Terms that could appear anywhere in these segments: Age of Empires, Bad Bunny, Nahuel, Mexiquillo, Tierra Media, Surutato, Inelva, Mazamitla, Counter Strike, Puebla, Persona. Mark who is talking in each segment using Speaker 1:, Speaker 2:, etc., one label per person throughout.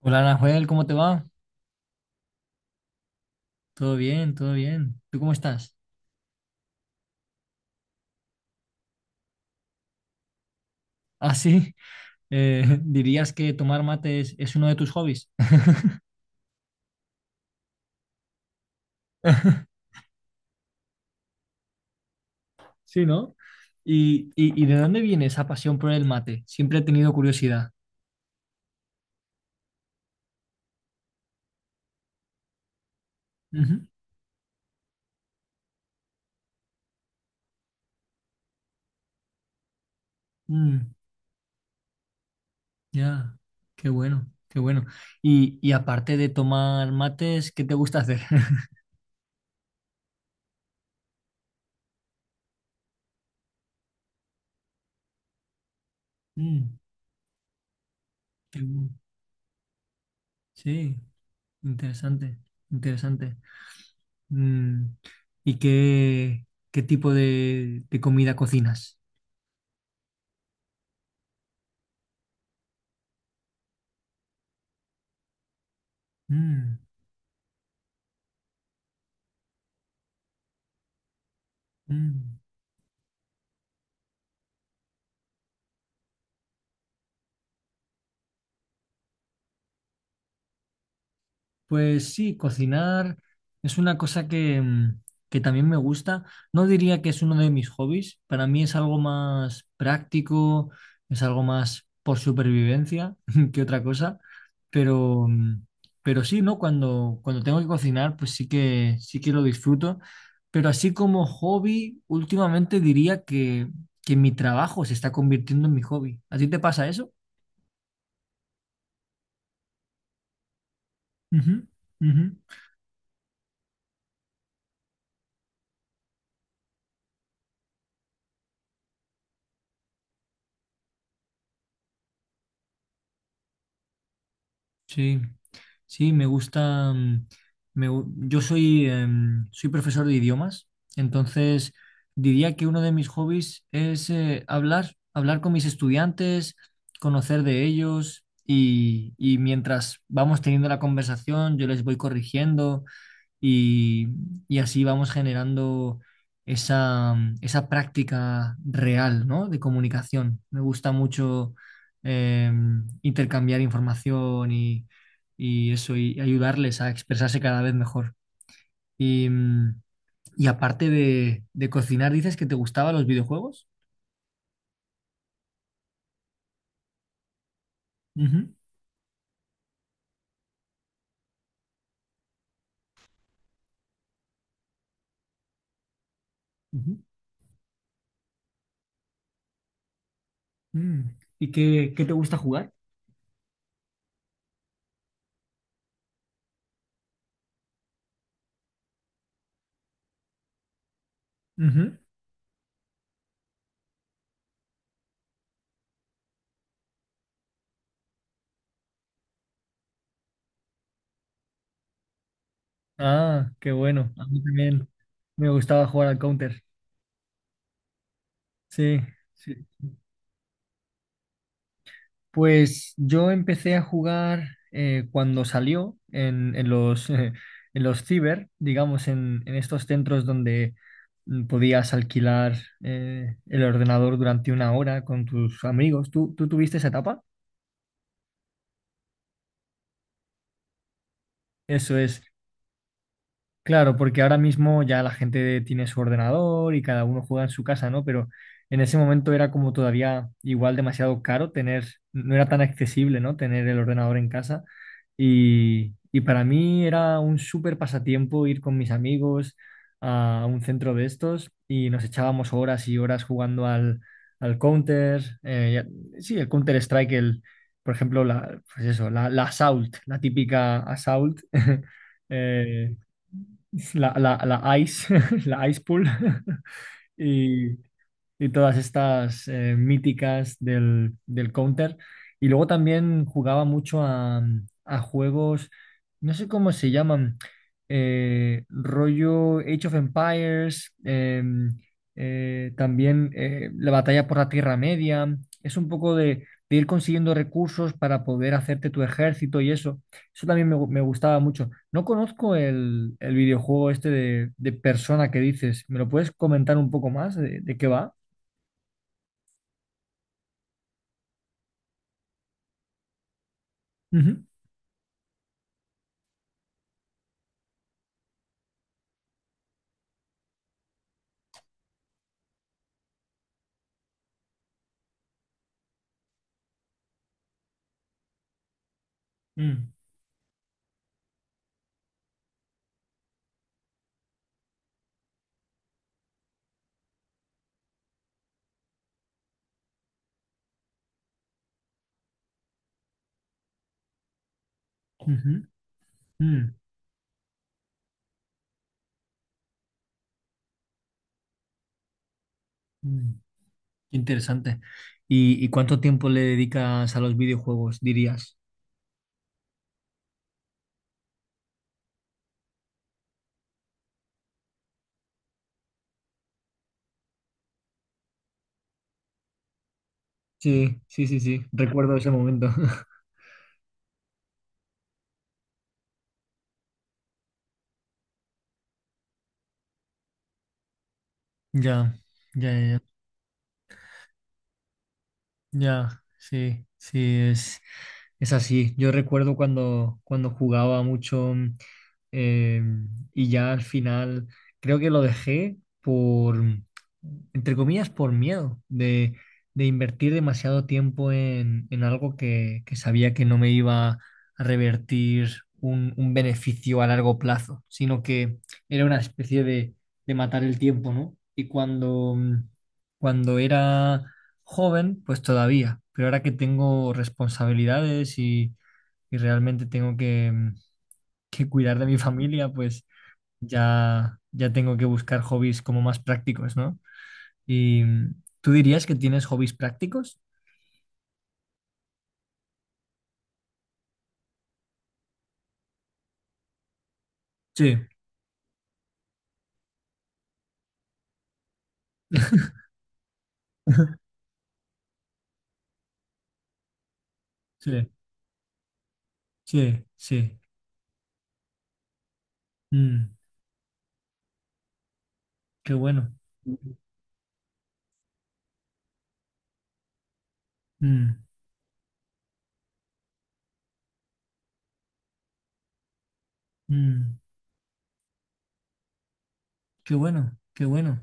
Speaker 1: Hola, Nahuel, ¿cómo te va? Todo bien, todo bien. ¿Tú cómo estás? Ah, sí. ¿Dirías que tomar mate es uno de tus hobbies? Sí, ¿no? ¿Y de dónde viene esa pasión por el mate? Siempre he tenido curiosidad. Ujú. Mm, ya, qué bueno, qué bueno. Y aparte de tomar mates, ¿qué te gusta hacer? Mm, qué bu- sí, interesante, interesante. Mm, ¿Y qué, qué tipo de comida cocinas? Mm. Mm. Pues sí, cocinar es una cosa que, que también me gusta. No diría que es uno de mis hobbies, para mí es algo más práctico, es algo más por supervivencia que otra cosa, pero, mm, pero sí, ¿no? Cuando tengo que cocinar, pues sí que lo disfruto, pero así como hobby, últimamente diría que mi trabajo se está convirtiendo en mi hobby. ¿A ti te pasa eso? Ujú, ujú. Sí, sí, me gusta. Yo soy, soy profesor de idiomas, entonces diría que uno de mis hobbies es hablar, hablar con mis estudiantes, conocer de ellos y mientras vamos teniendo la conversación, yo les voy corrigiendo y, y así vamos generando esa, esa práctica real, ¿no?, de comunicación. Me gusta mucho eh, intercambiar información y eso, y ayudarles a expresarse cada vez mejor. Y, mm, y aparte de cocinar, dices que te gustaban los videojuegos. Ujú, ujú. Mm. ¿Y qué, qué te gusta jugar? Ujú. Ah, qué bueno. A mí también me gustaba jugar al Counter. Sí. Sí. Pues yo empecé a jugar cuando salió en los, en los ciber, digamos, en estos centros donde podías alquilar el ordenador durante una hora con tus amigos. ¿Tú tuviste esa etapa? Eso es. Claro, porque ahora mismo ya la gente tiene su ordenador y cada uno juega en su casa, ¿no? Pero en ese momento era como todavía igual demasiado caro tener, no era tan accesible, ¿no?, tener el ordenador en casa. Y para mí era un súper pasatiempo ir con mis amigos a un centro de estos y nos echábamos horas y horas jugando al, al Counter, sí, el Counter Strike, el, por ejemplo, la, pues eso, la, la Assault, la típica Assault. eh, la, la, la ice, la ice pool. Y, y todas estas míticas del, del Counter. Y luego también jugaba mucho a juegos, no sé cómo se llaman, rollo Age of Empires, también la batalla por la Tierra Media. Es un poco de ir consiguiendo recursos para poder hacerte tu ejército y eso. Eso también me gustaba mucho. No conozco el videojuego este de Persona que dices. ¿Me lo puedes comentar un poco más de qué va? Ujú, mm, ujú, mm, mm. Interesante. Y cuánto tiempo le dedicas a los videojuegos, dirías? Sí, sí, sí, sí. Recuerdo ese momento. Ya, ya, ya, ya. Ya, sí, sí, es. Es así, yo recuerdo cuando, cuando jugaba mucho, eh, y ya al final creo que lo dejé entre comillas, por miedo de invertir demasiado tiempo en algo que sabía que no me iba a revertir un beneficio a largo plazo, sino que era una especie de matar el tiempo, ¿no? Cuando era joven, pues todavía, pero ahora que tengo responsabilidades y realmente tengo que cuidar de mi familia, pues ya, ya tengo que buscar hobbies como más prácticos, ¿no? ¿Y tú dirías que tienes hobbies prácticos? Sí, sí, sí, sí. Mm, qué bueno. Mm, mm, qué bueno, qué bueno.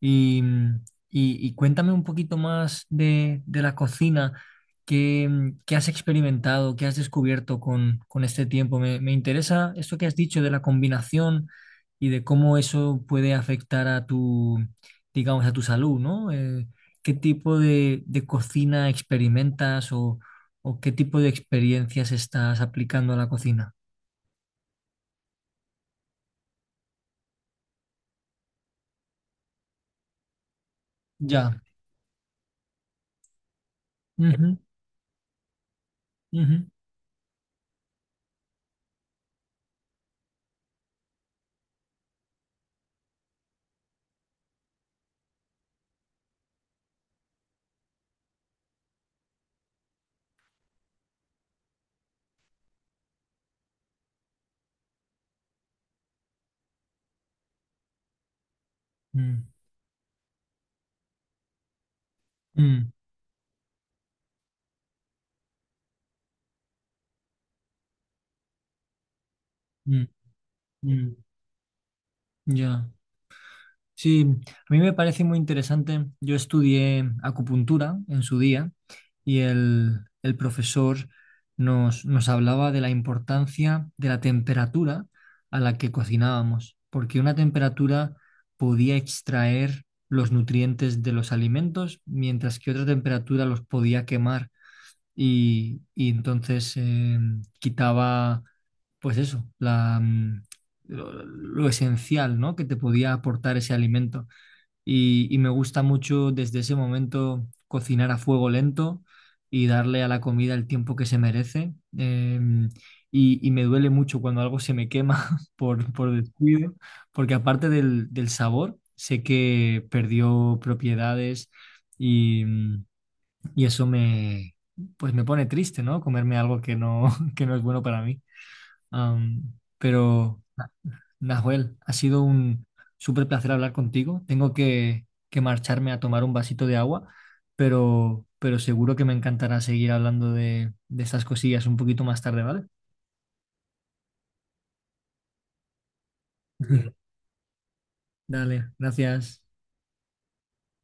Speaker 1: Y, mm, y cuéntame un poquito más de la cocina. ¿Qué, qué has experimentado? ¿Qué has descubierto con este tiempo? Me interesa esto que has dicho de la combinación y de cómo eso puede afectar a tu, digamos, a tu salud, ¿no? ¿Qué tipo de cocina experimentas o qué tipo de experiencias estás aplicando a la cocina? Ya. Ujú, ujú. Mm, mm, mm, mm, mm. Ya. Sí, a mí me parece muy interesante. Yo estudié acupuntura en su día y el profesor nos, nos hablaba de la importancia de la temperatura a la que cocinábamos, porque una temperatura podía extraer los nutrientes de los alimentos, mientras que otra temperatura los podía quemar y entonces quitaba, pues eso, lo esencial, ¿no?, que te podía aportar ese alimento. Y me gusta mucho desde ese momento cocinar a fuego lento y darle a la comida el tiempo que se merece. Y, y me duele mucho cuando algo se me quema por descuido, porque aparte del, del sabor, sé que perdió propiedades y eso me, pues me pone triste, ¿no? Comerme algo que no, que no es bueno para mí. Am, pero, Na- Nahuel, ha sido un súper placer hablar contigo. Tengo que marcharme a tomar un vasito de agua, pero seguro que me encantará seguir hablando de estas cosillas un poquito más tarde, ¿vale? Dale, gracias.